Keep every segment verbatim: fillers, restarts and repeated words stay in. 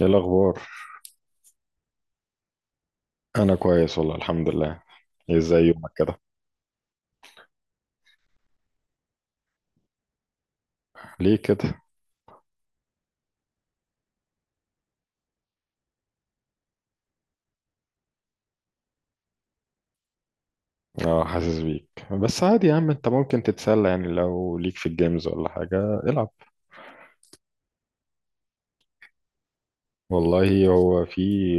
ايه الاخبار؟ انا كويس والله الحمد لله. إيه، ازاي يومك كده؟ ليه كده؟ اه، حاسس بيك، بس عادي يا عم، انت ممكن تتسلى يعني لو ليك في الجيمز ولا حاجه. العب. والله هو في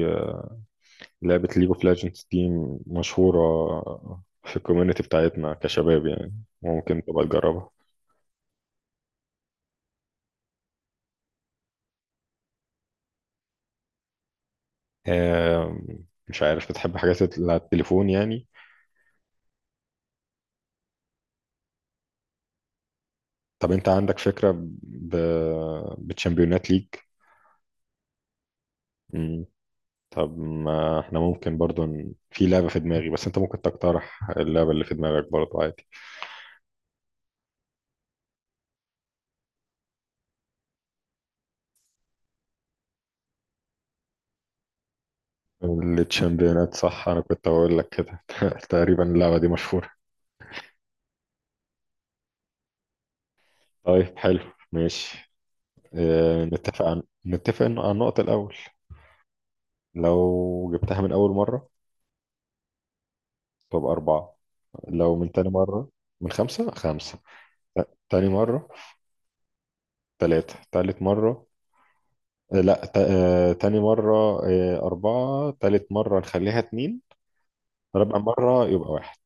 لعبه ليج اوف ليجندز دي مشهوره في الكوميونتي بتاعتنا كشباب يعني، ممكن تبقى تجربها. آم، مش عارف، بتحب حاجات اللي على التليفون يعني؟ طب انت عندك فكره؟ ب... بتشامبيونات ليج. طب ما احنا ممكن برضو ن- في لعبة في دماغي، بس انت ممكن تقترح اللعبة اللي في دماغك برضو عادي. التشامبيونات صح، انا كنت بقول لك كده تقريبا اللعبة دي مشهورة. طيب حلو. ماشي. اه، نتفق عن... نتفق عن عن النقطة الأول. لو جبتها من أول مرة تبقى أربعة. لو من تاني مرة، من خمسة خمسة. ت- تاني مرة. تلاتة تالت مرة. آه، لا، ت... آه، تاني مرة. آه، أربعة تالت مرة نخليها اتنين. رابع مرة يبقى واحد.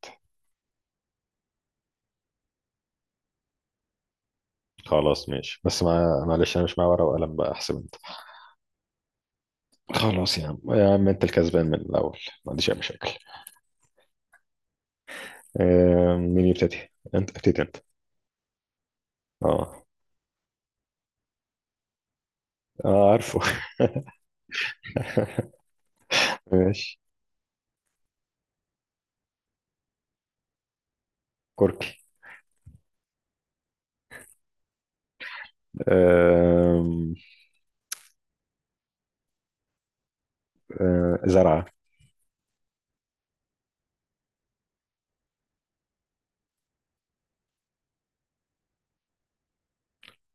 خلاص ماشي، بس ما معلش انا مش معايا ورقه وقلم بقى، احسب انت. خلاص يا عم يا عم، انت الكسبان من الاول، ما عنديش اي مشاكل. آه مين يبتدي؟ انت ابتدي انت. اه. آه، عارفه. ماشي. كركي. آه. آه زرعه.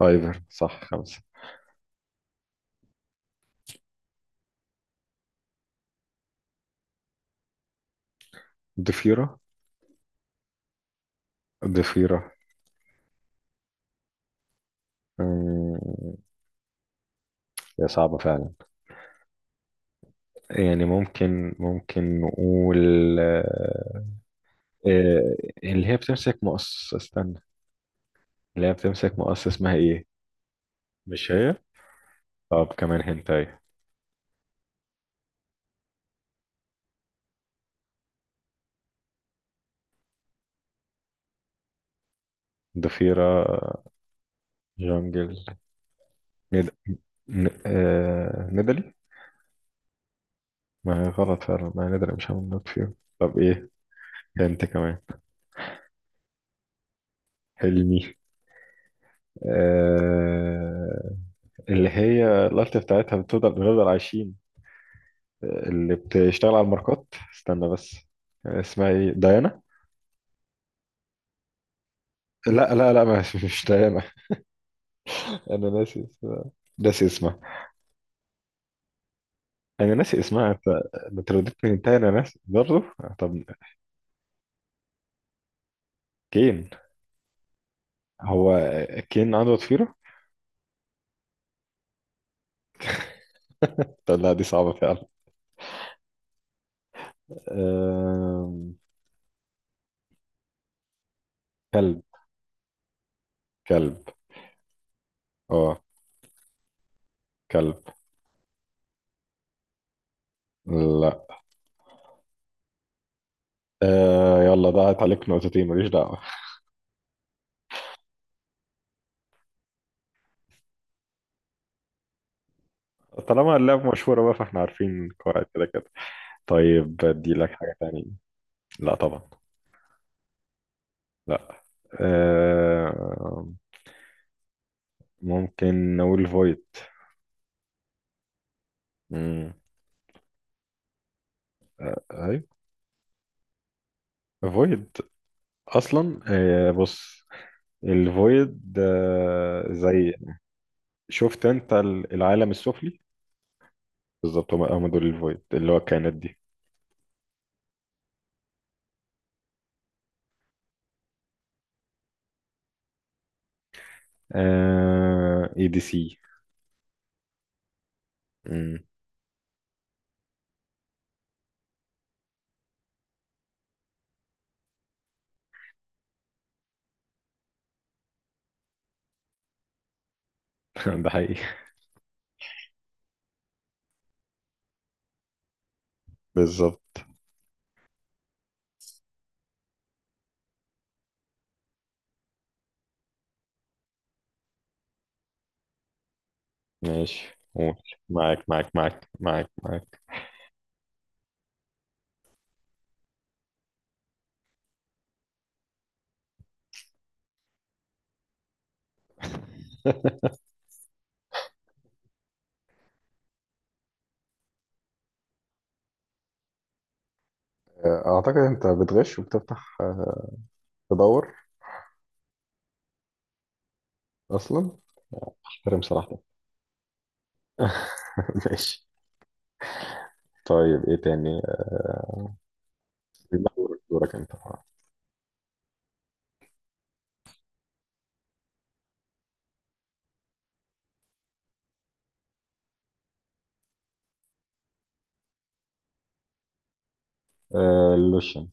ايفر صح، خمسه. ضفيره. ضفيره. آه. هي صعبه فعلا. يعني ممكن ممكن نقول. آه. آه. اللي هي بتمسك مقص، استنى، اللي هي بتمسك مقص، اسمها ايه؟ مش هي. طب كمان هنتاي. ضفيرة جونجل. ند... ن... آه... ندلي. ما هي غلط فعلا، ما هي ندلي، مش هعمل نوت فيهم. طب ايه؟ هنت كمان. حلمي. آه... اللي هي الألت بتاعتها بتفضل بنفضل عايشين، اللي بتشتغل على الماركات. استنى بس، اسمها ايه؟ ديانا. لا لا لا، ما مش ديانا. انا ناسي اسمها، ناسي اسمها. انا ناسي اسمها انت. بترددني انت، لو اديتني انتهى انا ناسي برضه. طب كين. هو كين عنده ضفيرة؟ طب لا، دي صعبة فعلا. أم... كلب. كلب. اه. كلب. لا. أه، يلا ضاعت عليك نقطتين، ماليش دعوة. طالما اللعبة مشهورة بقى فاحنا عارفين قواعد كده كده. طيب، ادي لك حاجة تانية. لا طبعا. لا. أه... ممكن نقول فويد. مم. أه... ايوه، فويد. اصلا أه بص، الفويد أه زي، شفت انت، العالم السفلي. بالظبط، هم هم دول الفويد، اللي هو الكائنات دي. آه... اي دي سي. مم. ده حقيقي. بالظبط. ماشي قول. معاك معاك معاك معاك معاك. آه، اعتقد انت بتغش وبتفتح، آه، تدور اصلا. احترم صراحتك. ماشي. طيب ايه تاني؟ لا، دورك انت. آه... اللوشن.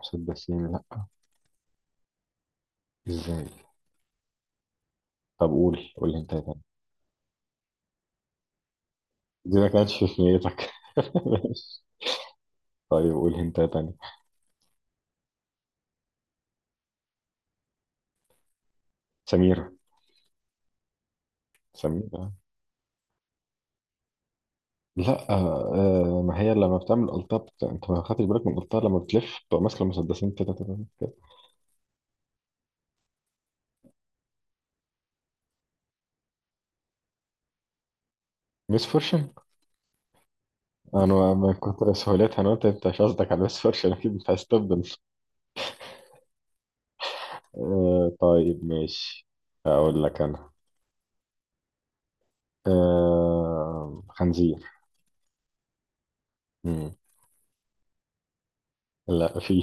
مسدسين؟ لا. ازاي؟ طب قول قول انت تاني. دي ما كانتش في نيتك ماشي. طيب قول انت تاني. سميرة. سميرة. لا، آه ما هي لما بتعمل قلطة، بت... انت ما خدتش بالك من القلطة، لما بتلف بتبقى ماسكة المسدسين كده كده كده. ميس فورشن. انا من كتر سهولتها انا قلت انت مش قصدك على ميس فورشن اكيد، انت عايز تبدل. آه طيب ماشي. اقول لك انا. آه خنزير. مم. لا، في.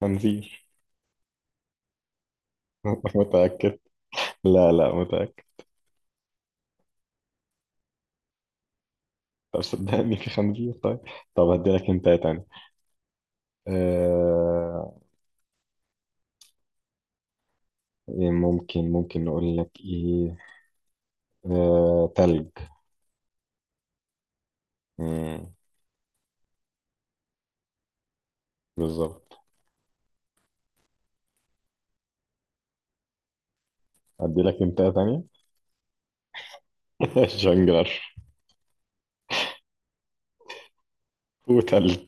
خنزير. متأكد. لا لا متأكد. طب صدقني، في خنزير، طيب. طب هديلك انت تاني. آه. إيه، ممكن ممكن نقول لك ايه؟ آه تلج. مم. بالظبط. ادي لك هنتايه تانية. جونجلر. وتلج.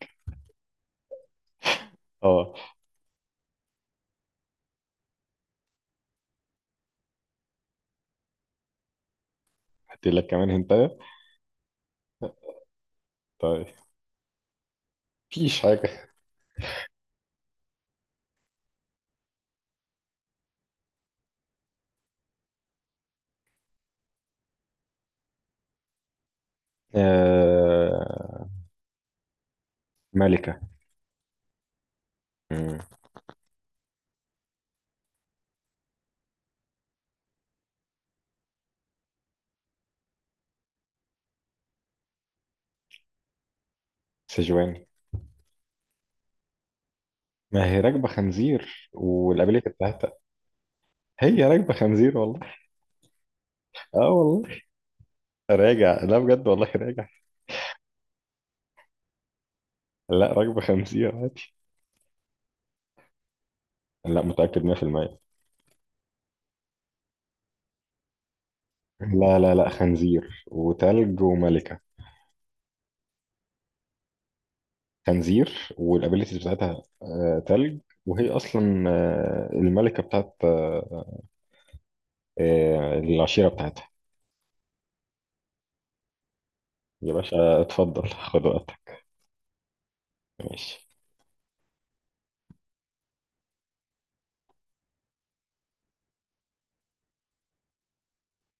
اه. ادي لك كمان هنتايه. طيب. مفيش حاجة. آه... ملكة. مم. سجوان. ما هي راكبة خنزير، والابيليتي بتاعتها. هي راكبة خنزير والله. اه والله. راجع، لا بجد والله راجع. لا، راكبة خنزير عادي. لا، متأكد مية في المية. لا لا لا، خنزير وتلج وملكة. خنزير، والابيلتيز بتاعتها آه، تلج. وهي اصلا آه، الملكه بتاعت آه، آه، العشيره بتاعتها. يا باشا اتفضل، خد وقتك. ماشي